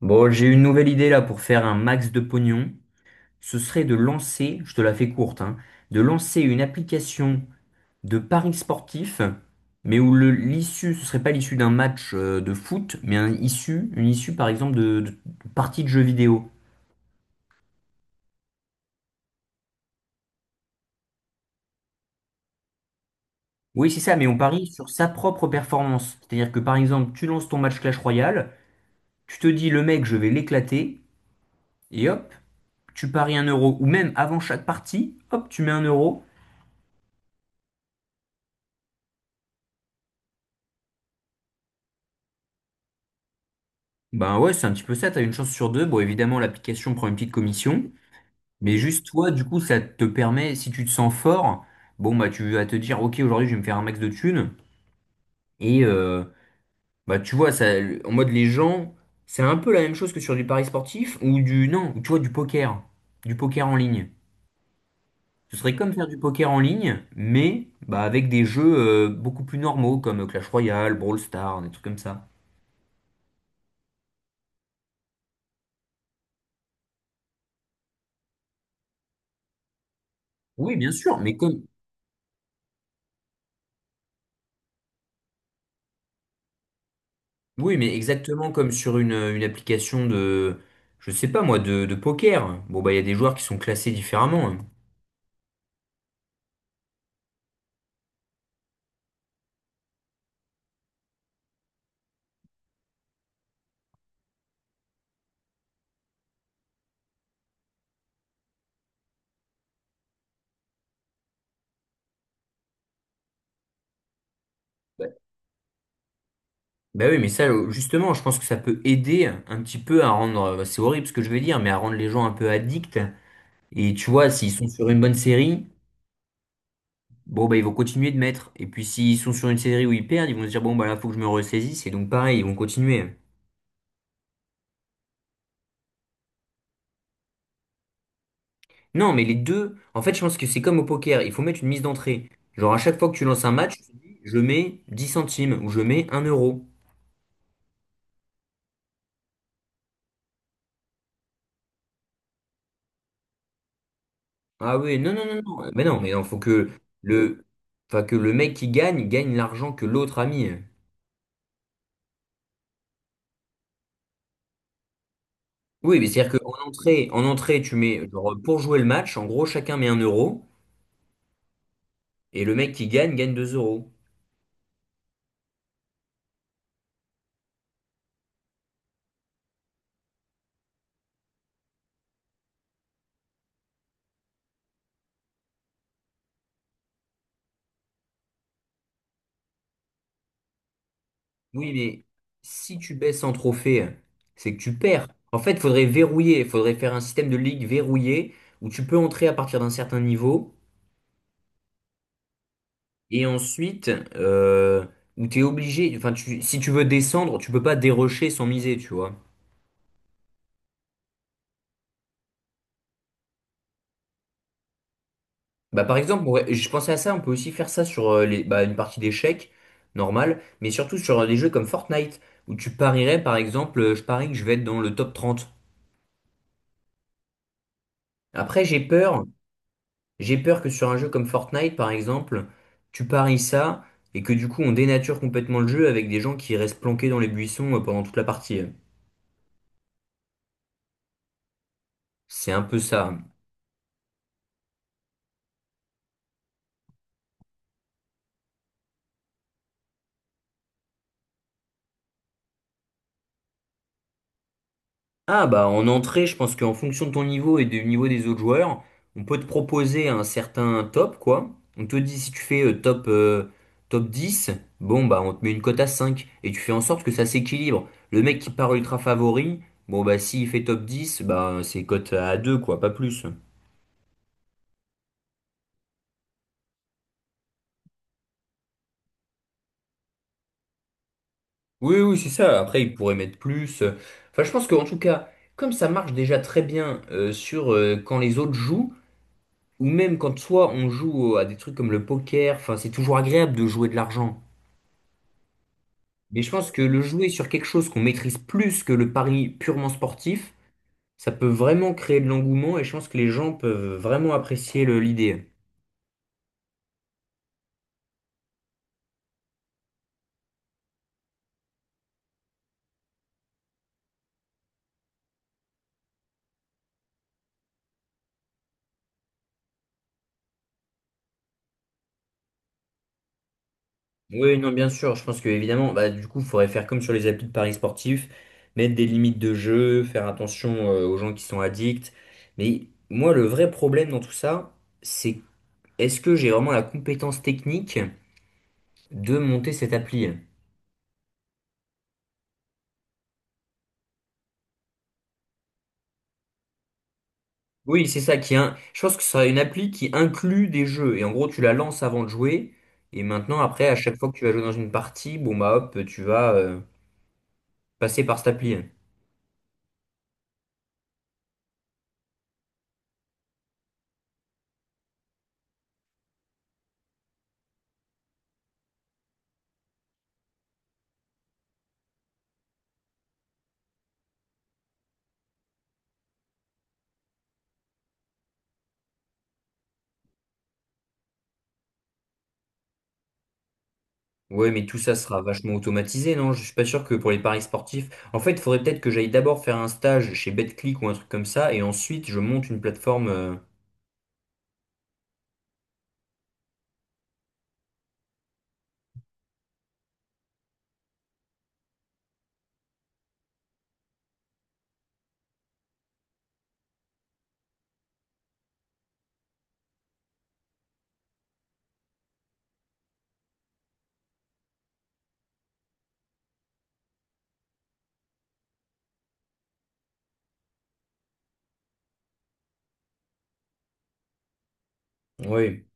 Bon, j'ai une nouvelle idée là pour faire un max de pognon. Ce serait de lancer, je te la fais courte, hein, de lancer une application de paris sportifs, mais où l'issue, ce serait pas l'issue d'un match de foot, mais un issue, une issue par exemple de partie de jeux vidéo. Oui, c'est ça, mais on parie sur sa propre performance. C'est-à-dire que par exemple, tu lances ton match Clash Royale, tu te dis le mec, je vais l'éclater, et hop, tu paries un euro. Ou même avant chaque partie, hop, tu mets un euro. Ben ouais, c'est un petit peu ça, t'as une chance sur deux. Bon, évidemment, l'application prend une petite commission, mais juste toi, du coup, ça te permet, si tu te sens fort, bon, bah tu vas te dire, ok, aujourd'hui, je vais me faire un max de thunes. Et bah tu vois, ça, en mode les gens, c'est un peu la même chose que sur du pari sportif ou du, non, tu vois, du poker en ligne. Ce serait comme faire du poker en ligne, mais bah, avec des jeux beaucoup plus normaux, comme Clash Royale, Brawl Stars, des trucs comme ça. Oui, bien sûr, mais comme, oui, mais exactement comme sur une application de, je sais pas moi, de poker. Bon, bah, il y a des joueurs qui sont classés différemment, hein. Ouais. Bah oui, mais ça, justement, je pense que ça peut aider un petit peu à rendre, bah, c'est horrible ce que je vais dire, mais à rendre les gens un peu addicts. Et tu vois, s'ils sont sur une bonne série, bon, bah, ils vont continuer de mettre. Et puis, s'ils sont sur une série où ils perdent, ils vont se dire, bon, bah, là, faut que je me ressaisisse. Et donc, pareil, ils vont continuer. Non, mais les deux, en fait, je pense que c'est comme au poker, il faut mettre une mise d'entrée. Genre, à chaque fois que tu lances un match, tu te dis, je mets 10 centimes ou je mets un euro. Ah oui, non, non, non, non. Mais non, mais non, faut que le, enfin, que le mec qui gagne gagne l'argent que l'autre a mis. Oui, mais c'est-à-dire qu'en entrée, en entrée, tu mets, genre, pour jouer le match, en gros, chacun met un euro et le mec qui gagne gagne 2 euros. Oui, mais si tu baisses en trophée, c'est que tu perds. En fait, il faudrait verrouiller, il faudrait faire un système de ligue verrouillé où tu peux entrer à partir d'un certain niveau et ensuite euh, où tu es obligé, enfin, si tu veux descendre, tu peux pas dérocher sans miser, tu vois. Bah, par exemple, ouais, je pensais à ça, on peut aussi faire ça sur les, bah, une partie d'échecs, normal, mais surtout sur des jeux comme Fortnite où tu parierais, par exemple, je parie que je vais être dans le top 30. Après, j'ai peur. J'ai peur que sur un jeu comme Fortnite, par exemple, tu paries ça et que du coup on dénature complètement le jeu avec des gens qui restent planqués dans les buissons pendant toute la partie. C'est un peu ça. Ah bah en entrée, je pense qu'en fonction de ton niveau et du niveau des autres joueurs, on peut te proposer un certain top, quoi. On te dit si tu fais top 10, bon bah on te met une cote à 5 et tu fais en sorte que ça s'équilibre. Le mec qui part ultra favori, bon bah s'il fait top 10, bah c'est cote à 2 quoi, pas plus. Oui, oui, c'est ça. Après, ils pourraient mettre plus. Enfin je pense qu'en tout cas, comme ça marche déjà très bien sur quand les autres jouent, ou même quand soit on joue à des trucs comme le poker, enfin, c'est toujours agréable de jouer de l'argent. Mais je pense que le jouer sur quelque chose qu'on maîtrise plus que le pari purement sportif, ça peut vraiment créer de l'engouement et je pense que les gens peuvent vraiment apprécier l'idée. Oui, non, bien sûr. Je pense que évidemment, bah, du coup, il faudrait faire comme sur les applis de paris sportifs, mettre des limites de jeu, faire attention aux gens qui sont addicts. Mais moi, le vrai problème dans tout ça, c'est est-ce que j'ai vraiment la compétence technique de monter cette appli? Oui, c'est ça qui est un… Je pense que ce sera une appli qui inclut des jeux. Et en gros, tu la lances avant de jouer. Et maintenant, après, à chaque fois que tu vas jouer dans une partie, bon bah hop, tu vas passer par cette appli. Ouais, mais tout ça sera vachement automatisé, non? Je suis pas sûr que pour les paris sportifs. En fait, il faudrait peut-être que j'aille d'abord faire un stage chez Betclic ou un truc comme ça, et ensuite je monte une plateforme. Ouais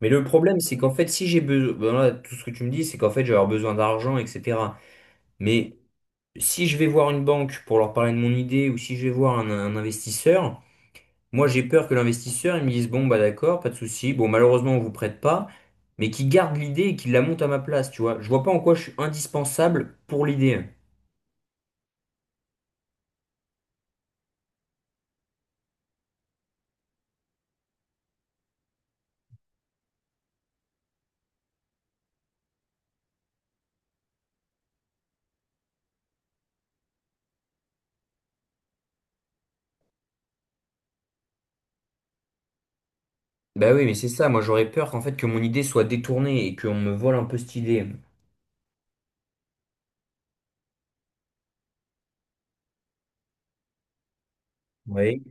Mais le problème, c'est qu'en fait, si j'ai besoin, ben là, tout ce que tu me dis, c'est qu'en fait, je vais avoir besoin d'argent, etc. Mais si je vais voir une banque pour leur parler de mon idée, ou si je vais voir un investisseur, moi j'ai peur que l'investisseur, il me dise, bon, bah d'accord, pas de souci, bon, malheureusement, on vous prête pas, mais qui garde l'idée et qui la monte à ma place, tu vois. Je vois pas en quoi je suis indispensable pour l'idée. Bah oui, mais c'est ça. Moi, j'aurais peur qu'en fait, que mon idée soit détournée et qu'on me vole un peu cette idée. Oui.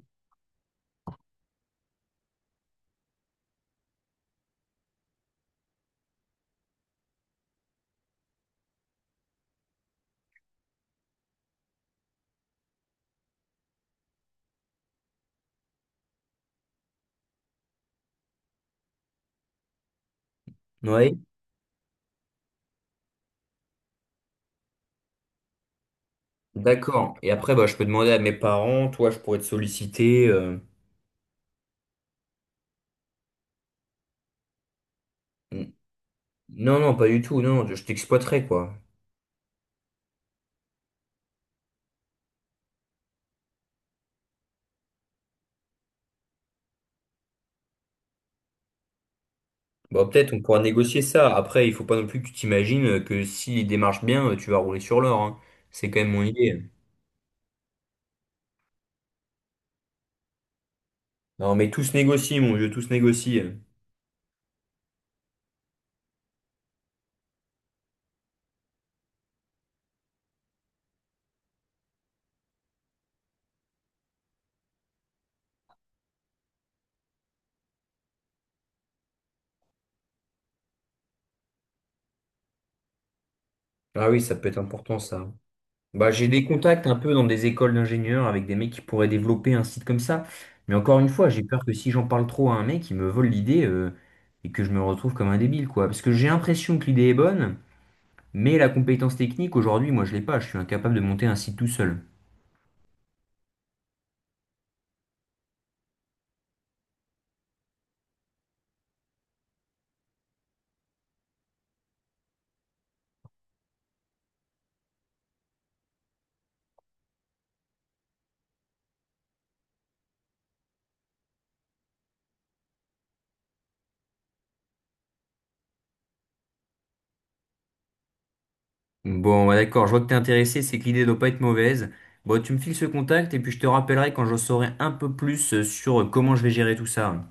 Oui, d'accord. Et après, bah, je peux demander à mes parents, toi, je pourrais te solliciter. N- Non non, pas du tout, non, je t'exploiterai, quoi. Bah, peut-être on pourra négocier ça. Après, il faut pas non plus que tu t'imagines que si les démarches bien, tu vas rouler sur l'or, hein. C'est quand même mon idée. Non, mais tous négocient, mon vieux, tous négocient. Ah oui, ça peut être important, ça. Bah, j'ai des contacts un peu dans des écoles d'ingénieurs avec des mecs qui pourraient développer un site comme ça. Mais encore une fois, j'ai peur que si j'en parle trop à un mec, il me vole l'idée et que je me retrouve comme un débile, quoi. Parce que j'ai l'impression que l'idée est bonne, mais la compétence technique, aujourd'hui, moi, je l'ai pas. Je suis incapable de monter un site tout seul. Bon, ouais, d'accord, je vois que t'es intéressé, c'est que l'idée doit pas être mauvaise. Bon, tu me files ce contact et puis je te rappellerai quand je saurai un peu plus sur comment je vais gérer tout ça.